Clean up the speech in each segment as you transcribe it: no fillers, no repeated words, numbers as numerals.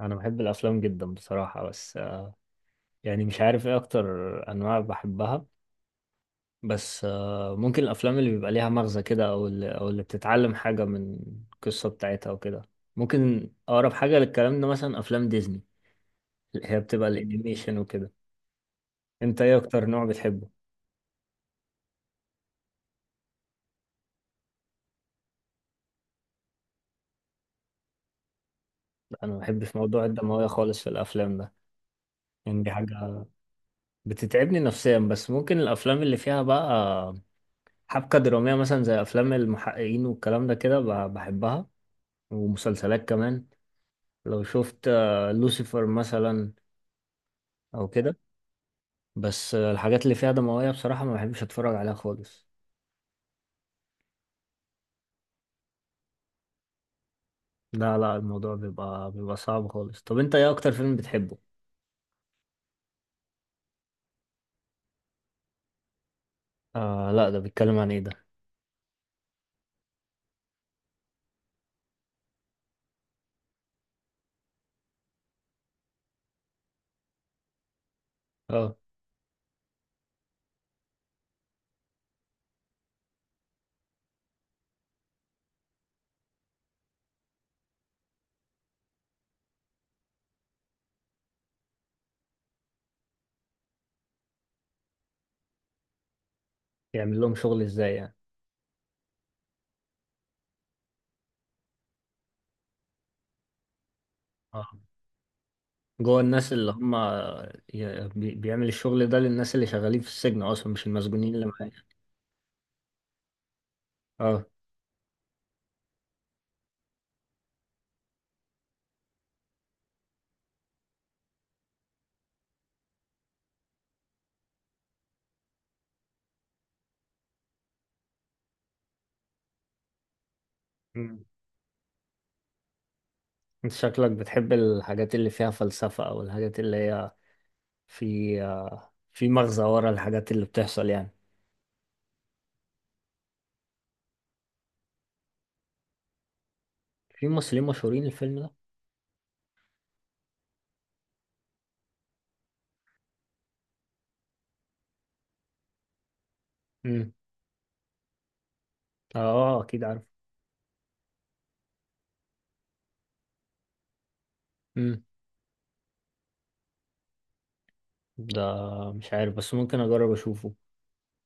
انا بحب الافلام جدا بصراحه. بس يعني مش عارف ايه اكتر انواع بحبها. بس ممكن الافلام اللي بيبقى ليها مغزى كده، او اللي او اللي بتتعلم حاجه من القصه بتاعتها وكده. ممكن اقرب حاجه للكلام ده مثلا افلام ديزني، اللي هي بتبقى الانيميشن وكده. انت ايه اكتر نوع بتحبه؟ انا ما بحبش موضوع الدمويه خالص في الافلام ده. يعني دي حاجه بتتعبني نفسيا، بس ممكن الافلام اللي فيها بقى حبكه دراميه، مثلا زي افلام المحققين والكلام ده كده، بحبها ومسلسلات كمان. لو شفت لوسيفر مثلا او كده. بس الحاجات اللي فيها دموية بصراحة ما بحبش اتفرج عليها خالص. لا لا، الموضوع بيبقى صعب خالص. طب انت ايه اكتر فيلم بتحبه؟ آه لا، ده بيتكلم عن ايه ده؟ اه. يعمل لهم شغل ازاي يعني؟ اه. جوه الناس اللي هم، بيعمل الشغل ده للناس اللي شغالين في السجن اصلا، مش المسجونين اللي معايا؟ اه. مم. انت شكلك بتحب الحاجات اللي فيها فلسفة، او الحاجات اللي هي في في مغزى ورا الحاجات اللي بتحصل يعني. في ممثلين مشهورين الفيلم ده؟ امم. اه اكيد عارف. امم. ده مش عارف، بس ممكن اجرب اشوفه.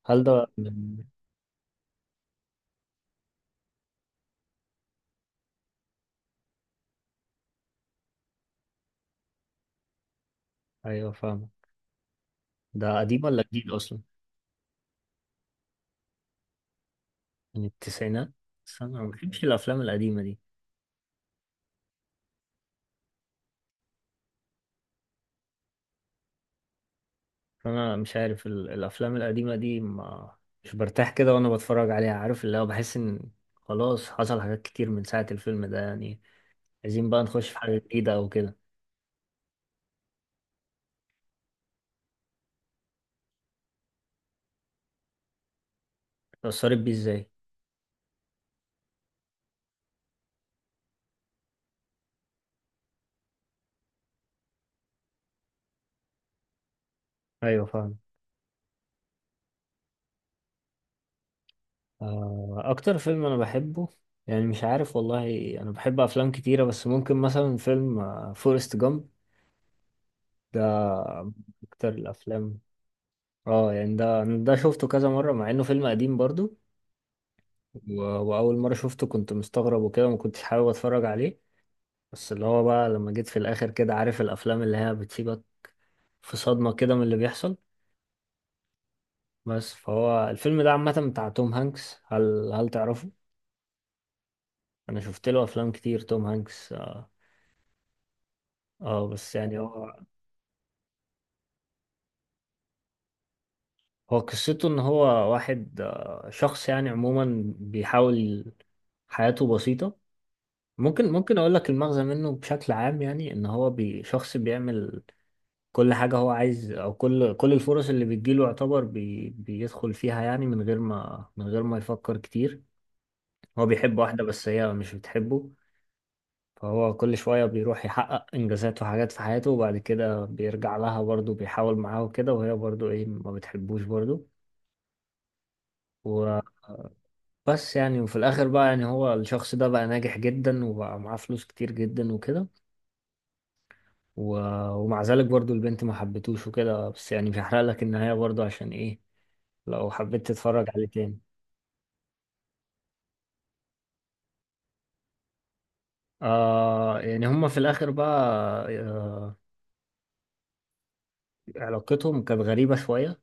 هل ده من... ايوه فاهمه. ده قديم ولا جديد اصلا؟ من التسعينات. بس انا ما بحبش الافلام القديمه دي. فانا مش عارف الافلام القديمه دي ما مش برتاح كده وانا بتفرج عليها. عارف اللي هو بحس ان خلاص حصل حاجات كتير من ساعه الفيلم ده يعني. عايزين بقى نخش في حاجه جديده او كده. اتأثرت بيه ازاي؟ ايوه فاهم. اكتر فيلم انا بحبه يعني مش عارف والله. انا بحب افلام كتيرة، بس ممكن مثلا فيلم فورست جامب ده اكتر الافلام. اه يعني ده شفته كذا مرة، مع انه فيلم قديم برضو. واول مرة شفته كنت مستغرب وكده، ما كنتش حابب اتفرج عليه. بس اللي هو بقى لما جيت في الاخر كده، عارف الافلام اللي هي بتسيبك في صدمة كده من اللي بيحصل. بس فهو الفيلم ده عامة بتاع توم هانكس. هل تعرفه؟ انا شفت له افلام كتير توم هانكس اه. بس يعني هو، هو قصته ان هو واحد، شخص يعني عموما بيحاول، حياته بسيطة. ممكن اقول لك المغزى منه بشكل عام. يعني ان هو شخص بيعمل كل حاجة هو عايز، او كل الفرص اللي بتجيله يعتبر بيدخل فيها يعني، من غير ما يفكر كتير. هو بيحب واحدة، بس هي مش بتحبه. فهو كل شوية بيروح يحقق انجازات وحاجات في حياته، وبعد كده بيرجع لها برضه، بيحاول معاها وكده، وهي برضه ايه ما بتحبوش برضه. بس يعني وفي الاخر بقى، يعني هو الشخص ده بقى ناجح جدا، وبقى معاه فلوس كتير جدا وكده. و... ومع ذلك برضو البنت ما حبتوش وكده. بس يعني مش هحرق لك النهاية برضو، عشان ايه لو حبيت تتفرج عليه تاني. آه يعني هما في الآخر بقى، آه، علاقتهم كانت غريبة شوية.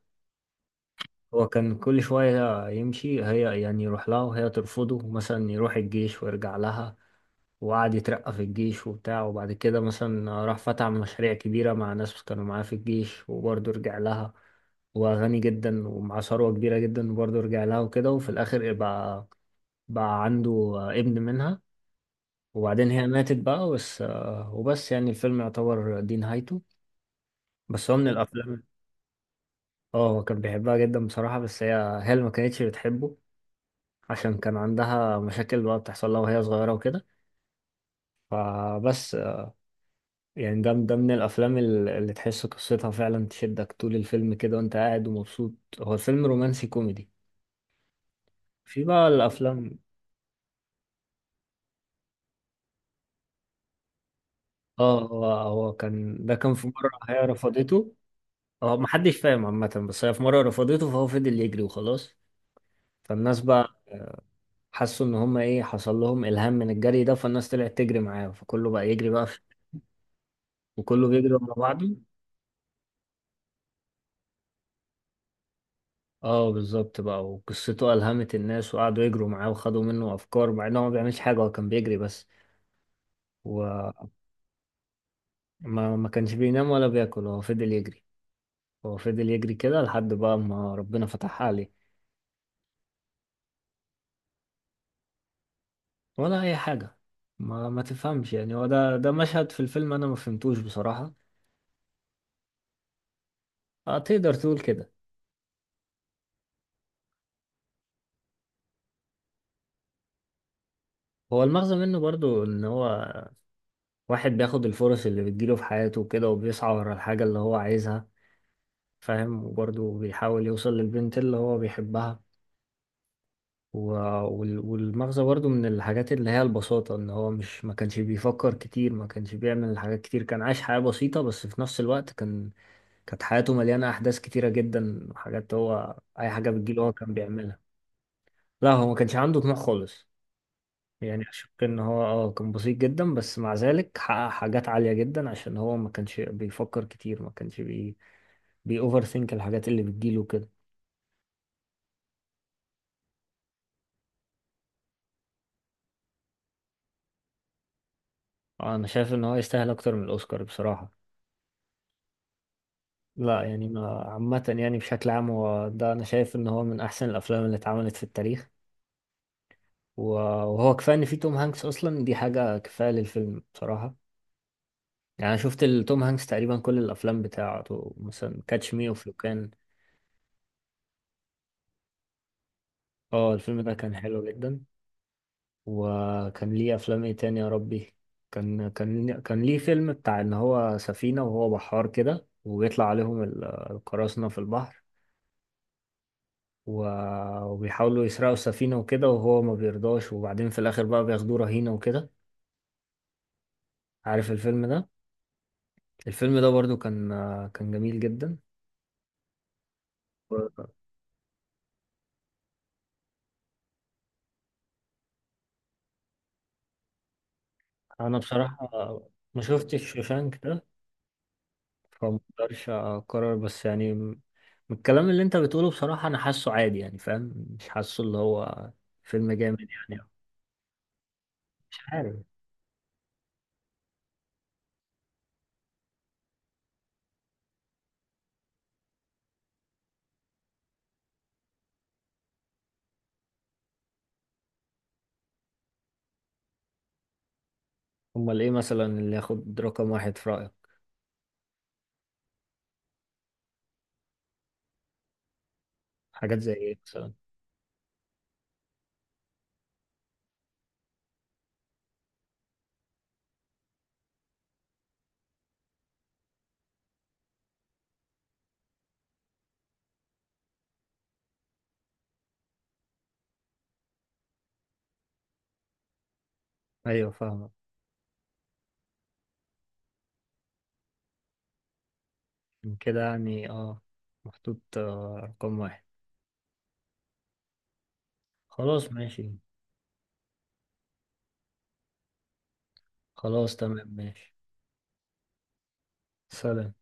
هو كان كل شوية يمشي، هي يعني يروح لها وهي ترفضه، مثلا يروح الجيش ويرجع لها، وقعد يترقى في الجيش وبتاع، وبعد كده مثلا راح فتح مشاريع كبيرة مع ناس كانوا معاه في الجيش، وبرضه رجع لها، وغني جدا ومع ثروة كبيرة جدا، وبرضه رجع لها وكده. وفي الآخر بقى بقى عنده ابن منها. وبعدين هي ماتت بقى بس. وبس يعني الفيلم يعتبر دي نهايته. بس هو من الأفلام. اه هو كان بيحبها جدا بصراحة، بس هي اللي ما كانتش بتحبه، عشان كان عندها مشاكل بقى بتحصل لها وهي صغيرة وكده. فبس يعني ده من الافلام اللي تحس قصتها فعلا تشدك طول الفيلم كده، وانت قاعد ومبسوط. هو فيلم رومانسي كوميدي. في بقى الافلام. اه هو كان ده كان في مره هي رفضته. هو محدش فاهم عامه، بس هي في مره رفضته، فهو فضل يجري وخلاص. فالناس بقى حسوا ان هم ايه، حصل لهم الهام من الجري ده، فالناس طلعت تجري معاه، فكله بقى يجري بقى في، وكله بيجري مع بعضه. اه بالظبط بقى، وقصته ألهمت الناس وقعدوا يجروا معاه وخدوا منه افكار، مع انه ما بيعملش حاجه، هو كان بيجري بس. و... ما كانش بينام ولا بياكل، هو فضل يجري. هو فضل يجري كده لحد بقى ما ربنا فتح عليه. ولا اي حاجة. ما تفهمش يعني، هو ده مشهد في الفيلم انا ما فهمتوش بصراحة. اه تقدر تقول كده. هو المغزى منه برضو ان هو واحد بياخد الفرص اللي بتجيله في حياته كده، وبيسعى ورا الحاجة اللي هو عايزها، فاهم؟ وبرضو بيحاول يوصل للبنت اللي هو بيحبها. و- والمغزى برضو من الحاجات اللي هي البساطة، ان هو مش ما كانش بيفكر كتير، ما كانش بيعمل حاجات كتير، كان عايش حياة بسيطة. بس في نفس الوقت كان كانت حياته مليانة أحداث كتيرة جدا، حاجات، هو أي حاجة بتجيله هو كان بيعملها. لا هو ما كانش عنده طموح خالص. يعني أشك إن هو اه كان بسيط جدا، بس مع ذلك حقق حاجات عالية جدا، عشان هو ما كانش بيفكر كتير، ما كانش بي بي اوفر ثينك الحاجات اللي بتجيله كده. أنا شايف إن هو يستاهل أكتر من الأوسكار بصراحة. لا يعني ما عامة، يعني بشكل عام هو ده أنا شايف إن هو من أحسن الأفلام اللي اتعملت في التاريخ. و- وهو كفاية إن فيه توم هانكس أصلا، دي حاجة كفاية للفيلم بصراحة. يعني أنا شفت توم هانكس تقريبا كل الأفلام بتاعته، مثلا كاتش مي أوف يو كان. اه الفيلم ده كان حلو جدا. وكان ليه أفلام إيه تاني يا ربي. كان ليه فيلم بتاع إن هو سفينة وهو بحار كده، وبيطلع عليهم القراصنة في البحر، وبيحاولوا يسرقوا السفينة وكده، وهو ما بيرضاش، وبعدين في الآخر بقى بياخدوه رهينة وكده. عارف الفيلم ده؟ الفيلم ده برضو كان، كان جميل جدا. أنا بصراحة ما شفتش شوشانك ده، فمقدرش أقرر. بس يعني من الكلام اللي أنت بتقوله بصراحة أنا حاسه عادي يعني، فاهم؟ مش حاسه اللي هو فيلم جامد يعني. مش عارف. أمال إيه مثلا اللي ياخد رقم واحد في رأيك؟ حاجات زي إيه مثلا؟ أيوه فاهمك. من كده يعني أه محطوط رقم واحد. خلاص ماشي. خلاص تمام ماشي. سلام.